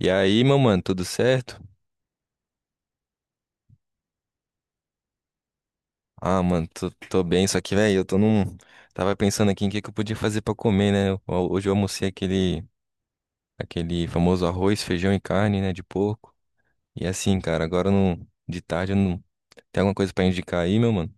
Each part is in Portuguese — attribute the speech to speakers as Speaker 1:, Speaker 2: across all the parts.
Speaker 1: E aí, meu mano, tudo certo? Ah, mano, tô bem, só que, velho, eu tô num. Tava pensando aqui em que eu podia fazer pra comer, né? Hoje eu almocei aquele famoso arroz, feijão e carne, né, de porco. E assim, cara, agora não, de tarde eu não. Tem alguma coisa pra indicar aí, meu mano?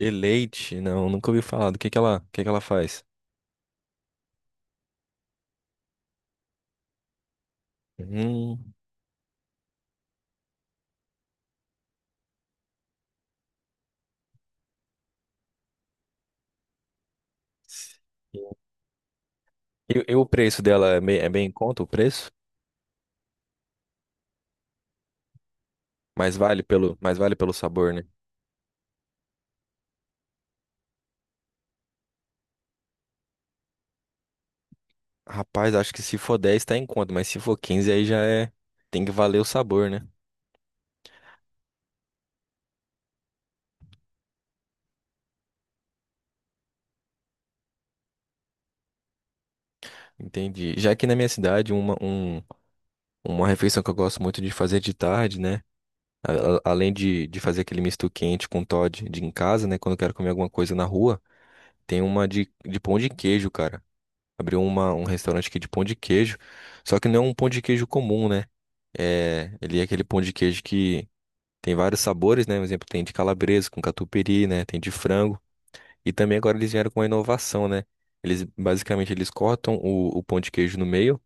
Speaker 1: Eleite? Não, nunca ouvi falar. Do que ela faz? Hum. E o preço dela é bem em conta, o preço? Mas vale pelo sabor, né? Rapaz, acho que se for 10 tá em conta, mas se for 15 aí já é. Tem que valer o sabor, né? Entendi. Já aqui na minha cidade, uma refeição que eu gosto muito de fazer de tarde, né? Além de fazer aquele misto quente com Toddy de em casa, né? Quando eu quero comer alguma coisa na rua, tem uma de pão de queijo, cara. Abriu um restaurante aqui de pão de queijo. Só que não é um pão de queijo comum, né? Ele é aquele pão de queijo que tem vários sabores, né? Por exemplo, tem de calabresa com catupiry, né? Tem de frango. E também agora eles vieram com uma inovação, né? Eles basicamente eles cortam o pão de queijo no meio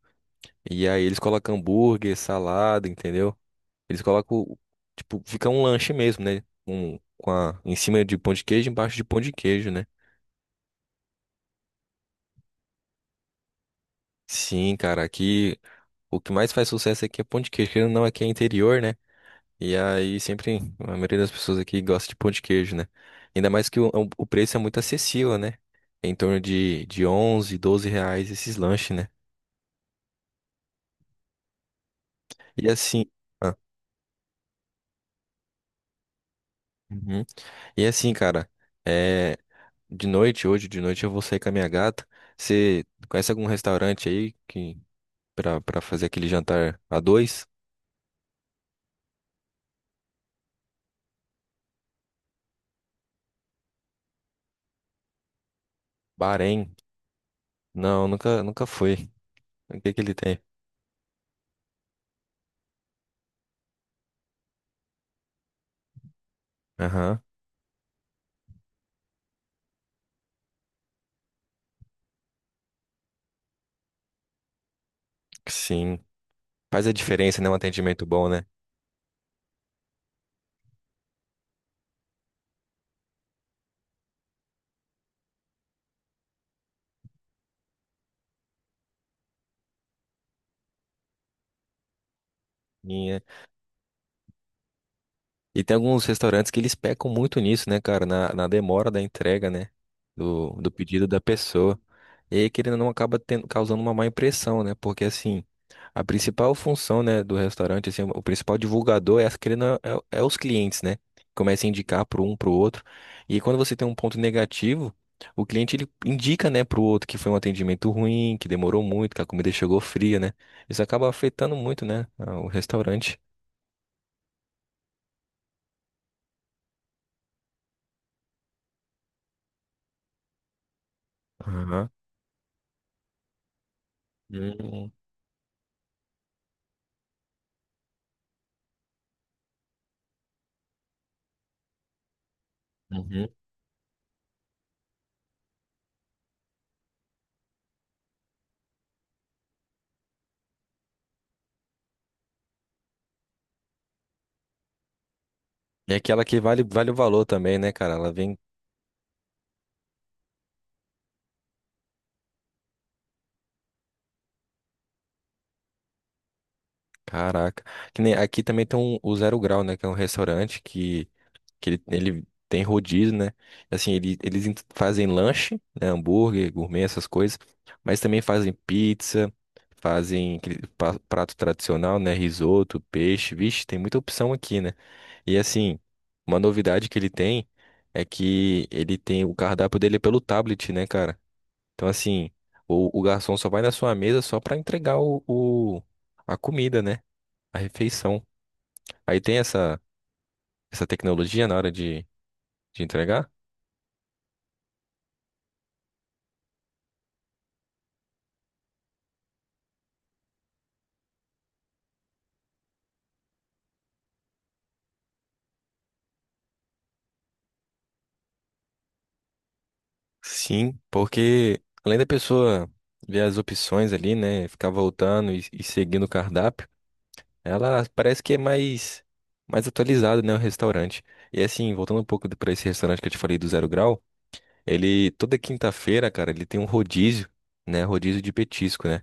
Speaker 1: e aí eles colocam hambúrguer, salada, entendeu? Eles colocam, o- tipo, fica um lanche mesmo, né? Com a, em cima de pão de queijo, embaixo de pão de queijo, né? Sim, cara, aqui o que mais faz sucesso aqui é pão de queijo, querendo ou não, aqui é interior, né? E aí sempre a maioria das pessoas aqui gosta de pão de queijo, né? Ainda mais que o preço é muito acessível, né? Em torno de 11, 12 reais esses lanches, né? E assim, ah, uhum. E assim, cara, é, de noite, hoje de noite eu vou sair com a minha gata. Você conhece algum restaurante aí que para fazer aquele jantar a dois? Bahrein? Não, nunca foi. O que que ele tem? Aham. Sim. Faz a diferença, né? Um atendimento bom, né? E tem alguns restaurantes que eles pecam muito nisso, né, cara? Na demora da entrega, né? Do pedido da pessoa. E aí, querendo ou não, acaba tendo, causando uma má impressão, né? Porque, assim, a principal função, né, do restaurante, assim, o principal divulgador é, querendo, ou não, é os clientes, né? Começa a indicar para um, para o outro. E quando você tem um ponto negativo, o cliente, ele indica, né, para o outro que foi um atendimento ruim, que demorou muito, que a comida chegou fria, né? Isso acaba afetando muito, né, o restaurante. Aham. Hum, uhum. E aquela que vale, vale o valor também, né, cara? Ela vem. Caraca. Que nem- aqui também tem um, o Zero Grau, né? Que é um restaurante que ele tem rodízio, né? Assim, fazem lanche, né? Hambúrguer, gourmet, essas coisas. Mas também fazem pizza, fazem aquele prato tradicional, né? Risoto, peixe. Vixe, tem muita opção aqui, né? E assim, uma novidade que ele tem é que ele tem o cardápio dele é pelo tablet, né, cara? Então, assim, o garçom só vai na sua mesa só pra entregar a comida, né? A refeição. Aí tem essa tecnologia na hora de entregar? Sim, porque além da pessoa ver as opções ali, né? Ficar voltando e seguindo o cardápio, ela parece que é mais atualizada, né? O restaurante. E assim, voltando um pouco para esse restaurante que eu te falei do Zero Grau, ele toda quinta-feira, cara, ele tem um rodízio, né? Rodízio de petisco, né?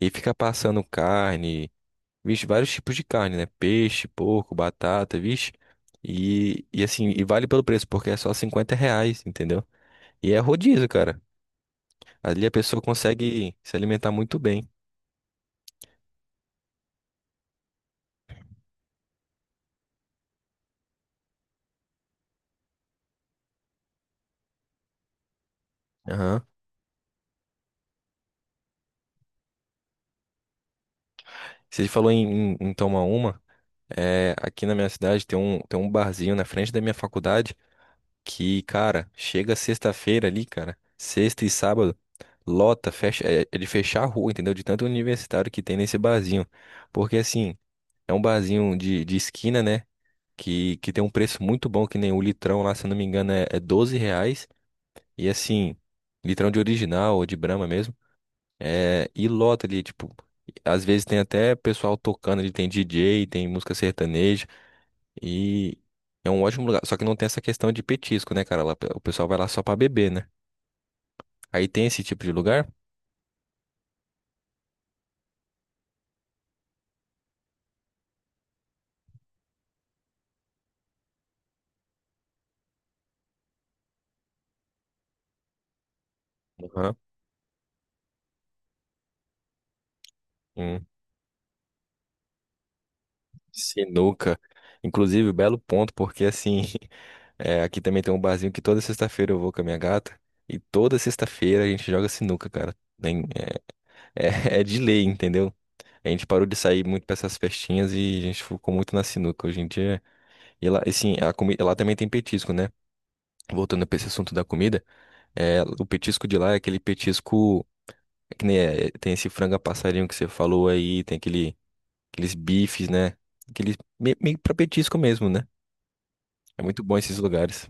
Speaker 1: E fica passando carne. Vixe, vários tipos de carne, né? Peixe, porco, batata, vixe. E assim, e vale pelo preço, porque é só 50 reais, entendeu? E é rodízio, cara. Ali a pessoa consegue se alimentar muito bem. Aham. Você falou em tomar uma. Aqui na minha cidade tem um, barzinho na frente da minha faculdade que, cara, chega sexta-feira ali, cara. Sexta e sábado, lota, fecha, é de fechar a rua, entendeu? De tanto universitário que tem nesse barzinho. Porque assim. É um barzinho de esquina, né? Que que, tem um preço muito bom, que nem o litrão lá, se eu não me engano, é 12 reais. E assim, litrão de original ou de Brahma mesmo. E lota ali, tipo, às vezes tem até pessoal tocando ali, tem DJ, tem música sertaneja. E é um ótimo lugar. Só que não tem essa questão de petisco, né, cara? Lá, o pessoal vai lá só pra beber, né? Aí tem esse tipo de lugar? Aham. Sinuca. Inclusive, belo ponto, porque assim, aqui também tem um barzinho que toda sexta-feira eu vou com a minha gata. E toda sexta-feira a gente joga sinuca, cara. É, é de lei, entendeu? A gente parou de sair muito pra essas festinhas e a gente ficou muito na sinuca hoje em dia. E lá, assim, a comida, lá também tem petisco, né? Voltando pra esse assunto da comida, o petisco de lá é aquele petisco é que nem tem esse frango a passarinho que você falou aí, tem aquele, aqueles bifes, né? Aqueles meio pra petisco mesmo, né? É muito bom esses lugares.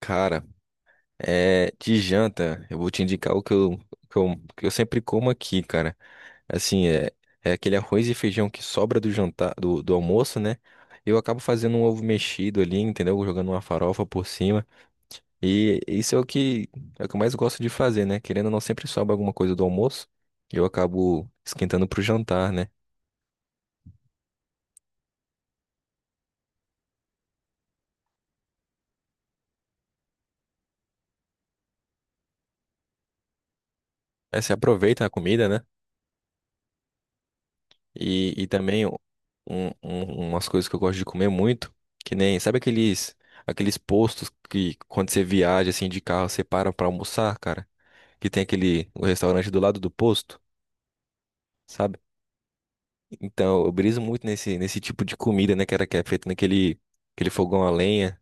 Speaker 1: Cara, de janta, eu vou te indicar o que eu, sempre como aqui, cara. Assim, é aquele arroz e feijão que sobra do jantar, do almoço, né? Eu acabo fazendo um ovo mexido ali, entendeu? Jogando uma farofa por cima. E isso é o que eu mais gosto de fazer, né? Querendo ou não, sempre sobra alguma coisa do almoço. E Eu acabo esquentando pro jantar, né? Aí você aproveita a comida, né? E também umas coisas que eu gosto de comer muito, que nem, sabe aqueles postos que quando você viaja assim de carro, você para pra almoçar, cara, que tem aquele o restaurante do lado do posto, sabe? Então, eu briso muito nesse tipo de comida, né, cara, que é feito naquele aquele fogão a lenha.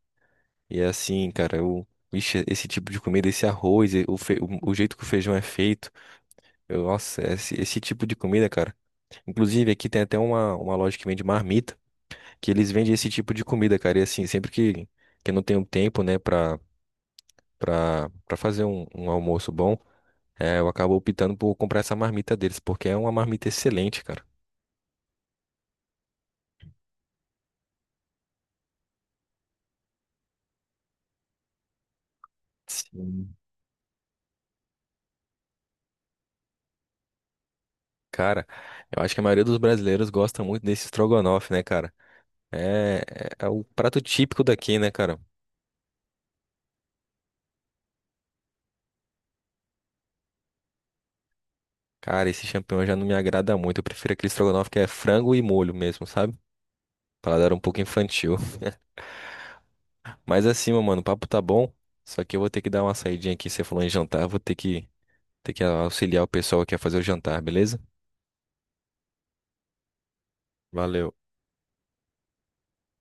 Speaker 1: E é assim, cara, eu. Vixe, esse tipo de comida, esse arroz, e o jeito que o feijão é feito. Eu, nossa, esse tipo de comida, cara. Inclusive, aqui tem até uma loja que vende marmita. Que eles vendem esse tipo de comida, cara. E assim, sempre que eu não tenho tempo, né, pra, fazer um almoço bom, eu acabo optando por comprar essa marmita deles, porque é uma marmita excelente, cara. Sim. Cara, eu acho que a maioria dos brasileiros gosta muito desse estrogonofe, né, cara? É o prato típico daqui, né, cara? Cara, esse champignon já não me agrada muito. Eu prefiro aquele estrogonofe que é frango e molho mesmo, sabe? Paladar um pouco infantil. Mas assim, meu mano, o papo tá bom. Só que eu vou ter que dar uma saidinha aqui. Você falou em jantar, eu vou ter que auxiliar o pessoal que quer fazer o jantar, beleza? Valeu.